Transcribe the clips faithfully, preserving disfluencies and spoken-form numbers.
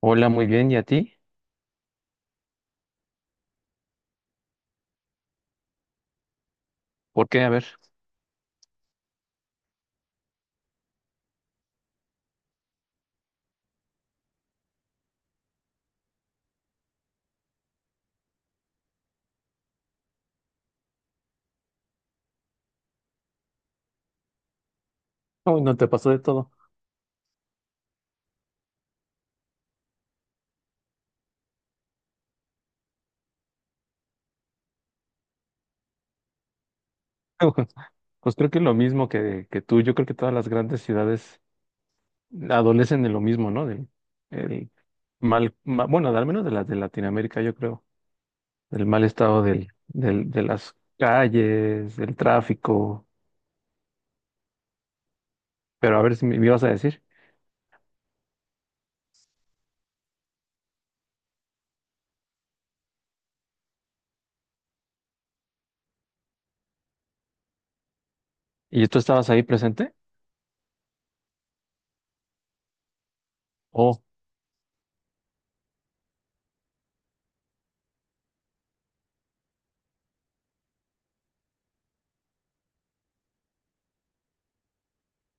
Hola, muy bien. ¿Y a ti? ¿Por qué? A ver. Uy, no te pasó de todo. Pues creo que lo mismo que, que tú. Yo creo que todas las grandes ciudades adolecen de lo mismo, ¿no? Del el mal, ma- Bueno, al menos de las de Latinoamérica, yo creo. Del mal estado del, del, de las calles, del tráfico. Pero a ver si me, me ibas a decir. ¿Y tú estabas ahí presente? Oh,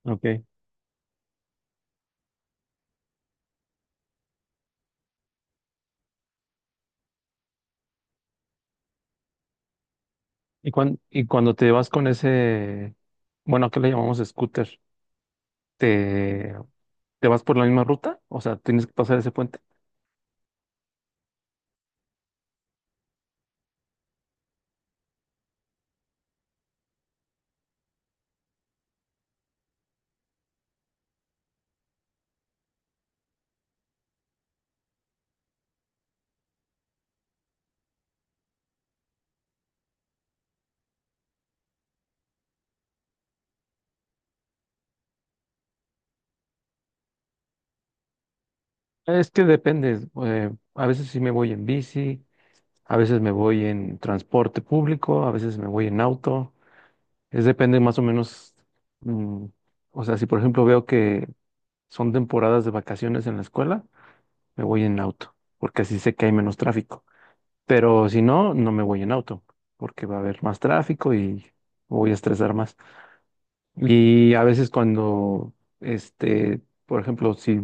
ok. ¿Y, cuan- y cuando te vas con ese, bueno, ¿qué le llamamos scooter? ¿Te, te vas por la misma ruta? O sea, ¿tienes que pasar ese puente? Es que depende. Eh, a veces sí me voy en bici, a veces me voy en transporte público, a veces me voy en auto. Es depende más o menos. mm, o sea, si por ejemplo veo que son temporadas de vacaciones en la escuela, me voy en auto, porque así sé que hay menos tráfico. Pero si no, no me voy en auto, porque va a haber más tráfico y me voy a estresar más. Y a veces cuando, este, por ejemplo, si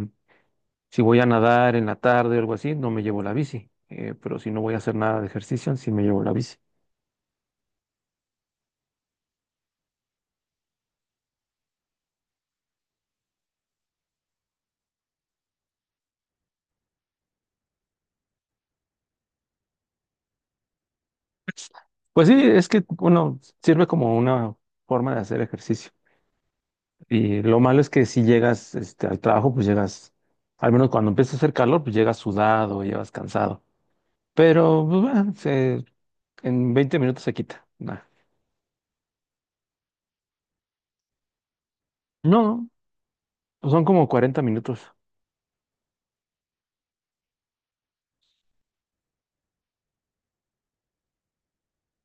Si voy a nadar en la tarde o algo así, no me llevo la bici. Eh, pero si no voy a hacer nada de ejercicio, sí me llevo la bici. Pues sí, es que uno sirve como una forma de hacer ejercicio. Y lo malo es que si llegas este, al trabajo, pues llegas, al menos cuando empieza a hacer calor, pues llegas sudado, llegas cansado. Pero pues, bueno, se- en veinte minutos se quita. Nah. No, pues son como cuarenta minutos.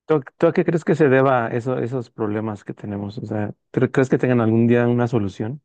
¿Tú, tú a qué crees que se deba eso, esos problemas que tenemos? O sea, ¿tú ¿crees que tengan algún día una solución?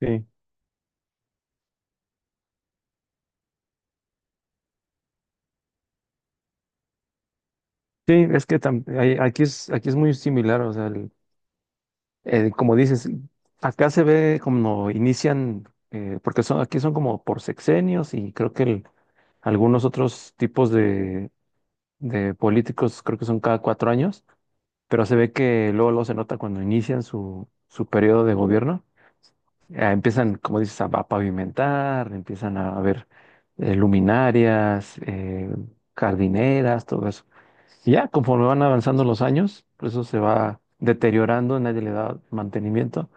Sí. Sí, es que tam- ahí- aquí es, aquí es muy similar, o sea, el- el- como dices, acá se ve como inician, eh, porque son, aquí son como por sexenios y creo que el- algunos otros tipos de, de políticos creo que son cada cuatro años, pero se ve que luego, luego se nota cuando inician su, su periodo de gobierno, eh, empiezan, como dices, a, a pavimentar, empiezan a ver eh, luminarias, eh, jardineras, todo eso. Y ya, conforme van avanzando los años, pues eso se va deteriorando, nadie le da mantenimiento.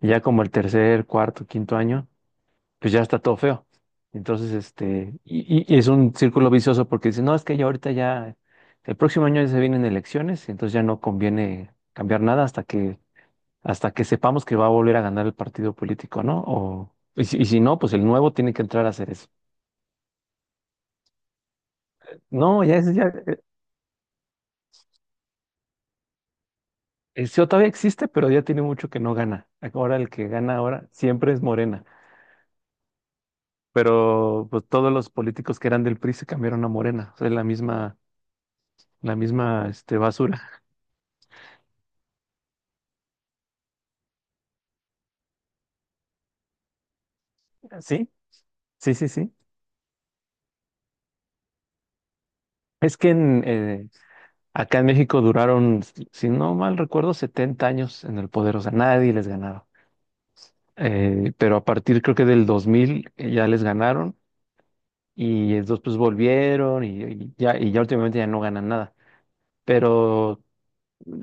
Y ya como el tercer, cuarto, quinto año, pues ya está todo feo. Entonces, este, y, y- y es un círculo vicioso porque dicen, no, es que ya ahorita ya, el próximo año ya se vienen elecciones, entonces ya no conviene cambiar nada hasta que, hasta que sepamos que va a volver a ganar el partido político, ¿no? O, y si, y si no, pues el nuevo tiene que entrar a hacer eso. No, ya es, ya, El C E O todavía existe, pero ya tiene mucho que no gana. Ahora el que gana ahora siempre es Morena. Pero pues todos los políticos que eran del P R I se cambiaron a Morena. O sea, es la misma, la misma este, basura. Sí, sí, sí, sí. Es que en, eh, acá en México duraron, si si no mal recuerdo, setenta años en el poder. O sea, nadie les ganaba. Eh, pero a partir creo que del dos mil eh, ya les ganaron y después pues, volvieron y, y ya, y ya últimamente ya no ganan nada. Pero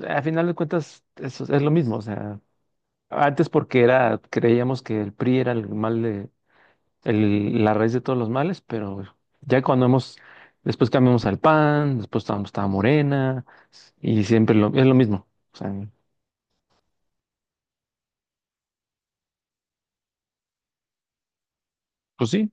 Al final de cuentas, eso es lo mismo. O sea, antes porque era, creíamos que el P R I era el mal de, el- la raíz de todos los males, pero ya cuando hemos, después cambiamos al PAN, después estábamos, estaba Morena, y siempre lo, es lo mismo. O sea, pues sí.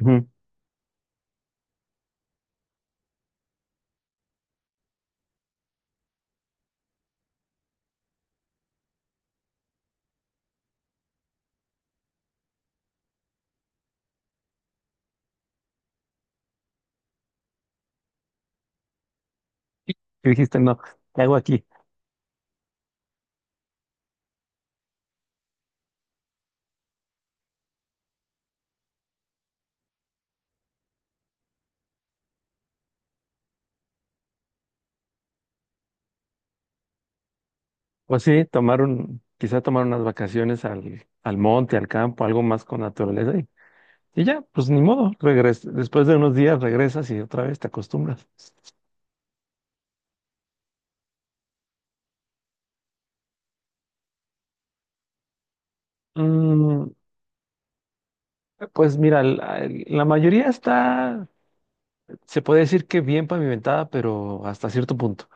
Ujú. Y dijiste, no, ¿qué hago aquí? Pues sí, tomar un, quizá tomar unas vacaciones al, al monte, al campo, algo más con naturaleza y, y ya, pues ni modo, regres- después de unos días regresas y otra vez te acostumbras. Mm, Pues mira, la, la mayoría está, se puede decir que bien pavimentada, pero hasta cierto punto.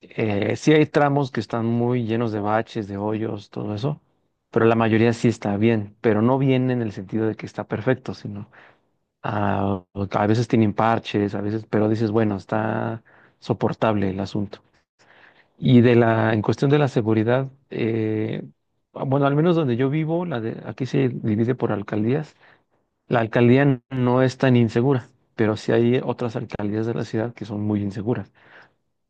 Eh, sí hay tramos que están muy llenos de baches, de hoyos, todo eso, pero la mayoría sí está bien, pero no bien en el sentido de que está perfecto, sino ah, a veces tienen parches, a veces, pero dices, bueno, está soportable el asunto. Y de la, en cuestión de la seguridad, eh, bueno, al menos donde yo vivo, la de, aquí se divide por alcaldías. La alcaldía no es tan insegura, pero sí hay otras alcaldías de la ciudad que son muy inseguras.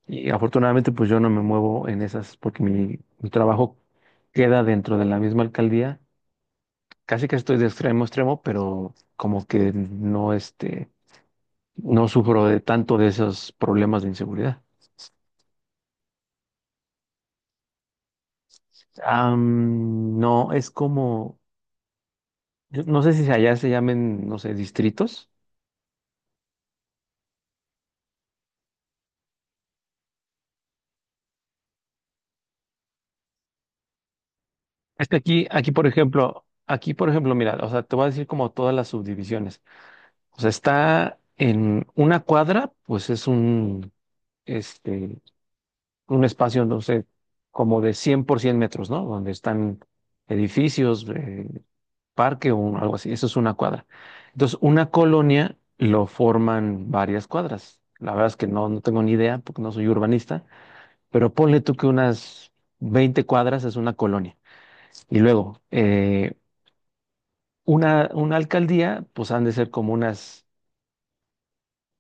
Y afortunadamente, pues yo no me muevo en esas porque mi, mi trabajo queda dentro de la misma alcaldía. Casi que estoy de extremo a extremo, pero como que no, este, no sufro de tanto de esos problemas de inseguridad. Am, no, es como, yo no sé si allá se llamen, no sé, distritos. Es que aquí, aquí, por ejemplo, aquí, por ejemplo, mira, o sea, te voy a decir como todas las subdivisiones. O sea, está en una cuadra, pues es un, este, un espacio, no sé, como de cien por cien metros, ¿no? Donde están edificios, eh, parque o un- algo así. Eso es una cuadra. Entonces, una colonia lo forman varias cuadras. La verdad es que no, no tengo ni idea porque no soy urbanista, pero ponle tú que unas veinte cuadras es una colonia. Y luego, eh, una, una alcaldía, pues han de ser como unas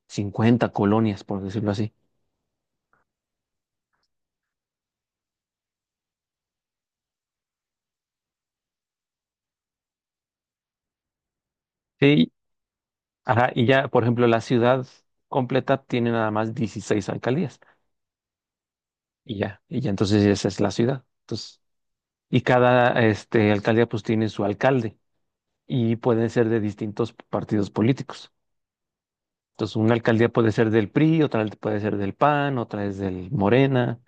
cincuenta colonias, por decirlo así. Sí, Ajá, y ya, por ejemplo, la ciudad completa tiene nada más dieciséis alcaldías. Y ya, y ya entonces esa es la ciudad. Entonces, y cada este, alcaldía pues tiene su alcalde y pueden ser de distintos partidos políticos. Entonces, una alcaldía puede ser del P R I, otra al- puede ser del PAN, otra es del Morena.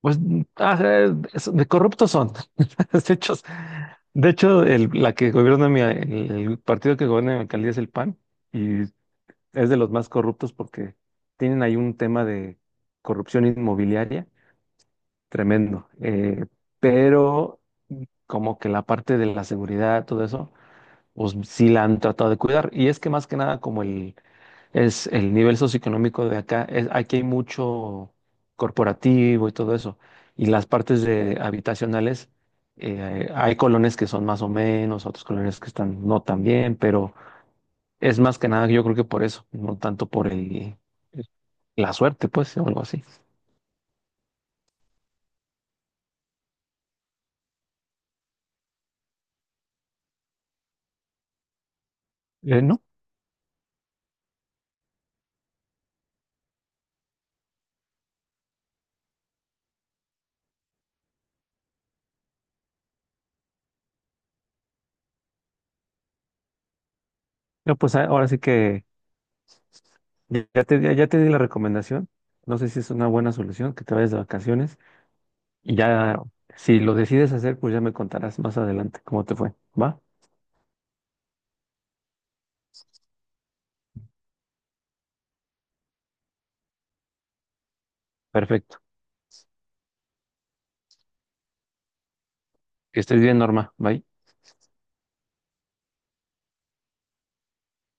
Pues mm, ah, eh, es- de corruptos son. De hecho, de hecho el- la que gobierna mi, el, el partido que gobierna mi alcaldía es el PAN. y es de los más corruptos porque tienen ahí un tema de corrupción inmobiliaria tremendo. Eh, pero como que la parte de la seguridad, todo eso, pues sí la han tratado de cuidar. Y es que más que nada, como el, es el nivel socioeconómico de acá, es, aquí hay mucho corporativo y todo eso. Y las partes de habitacionales, eh, hay colonias que son más o menos, otros colonias que están no tan bien, pero es más que nada, yo creo que por eso, no tanto por el la suerte, pues, o algo así. Eh, no, no, pues a- ahora sí que ya te, ya, ya te di la recomendación. No sé si es una buena solución que te vayas de vacaciones y ya, si lo decides hacer, pues ya me contarás más adelante cómo te fue. ¿Va? Perfecto. Que estés bien, Norma. Bye.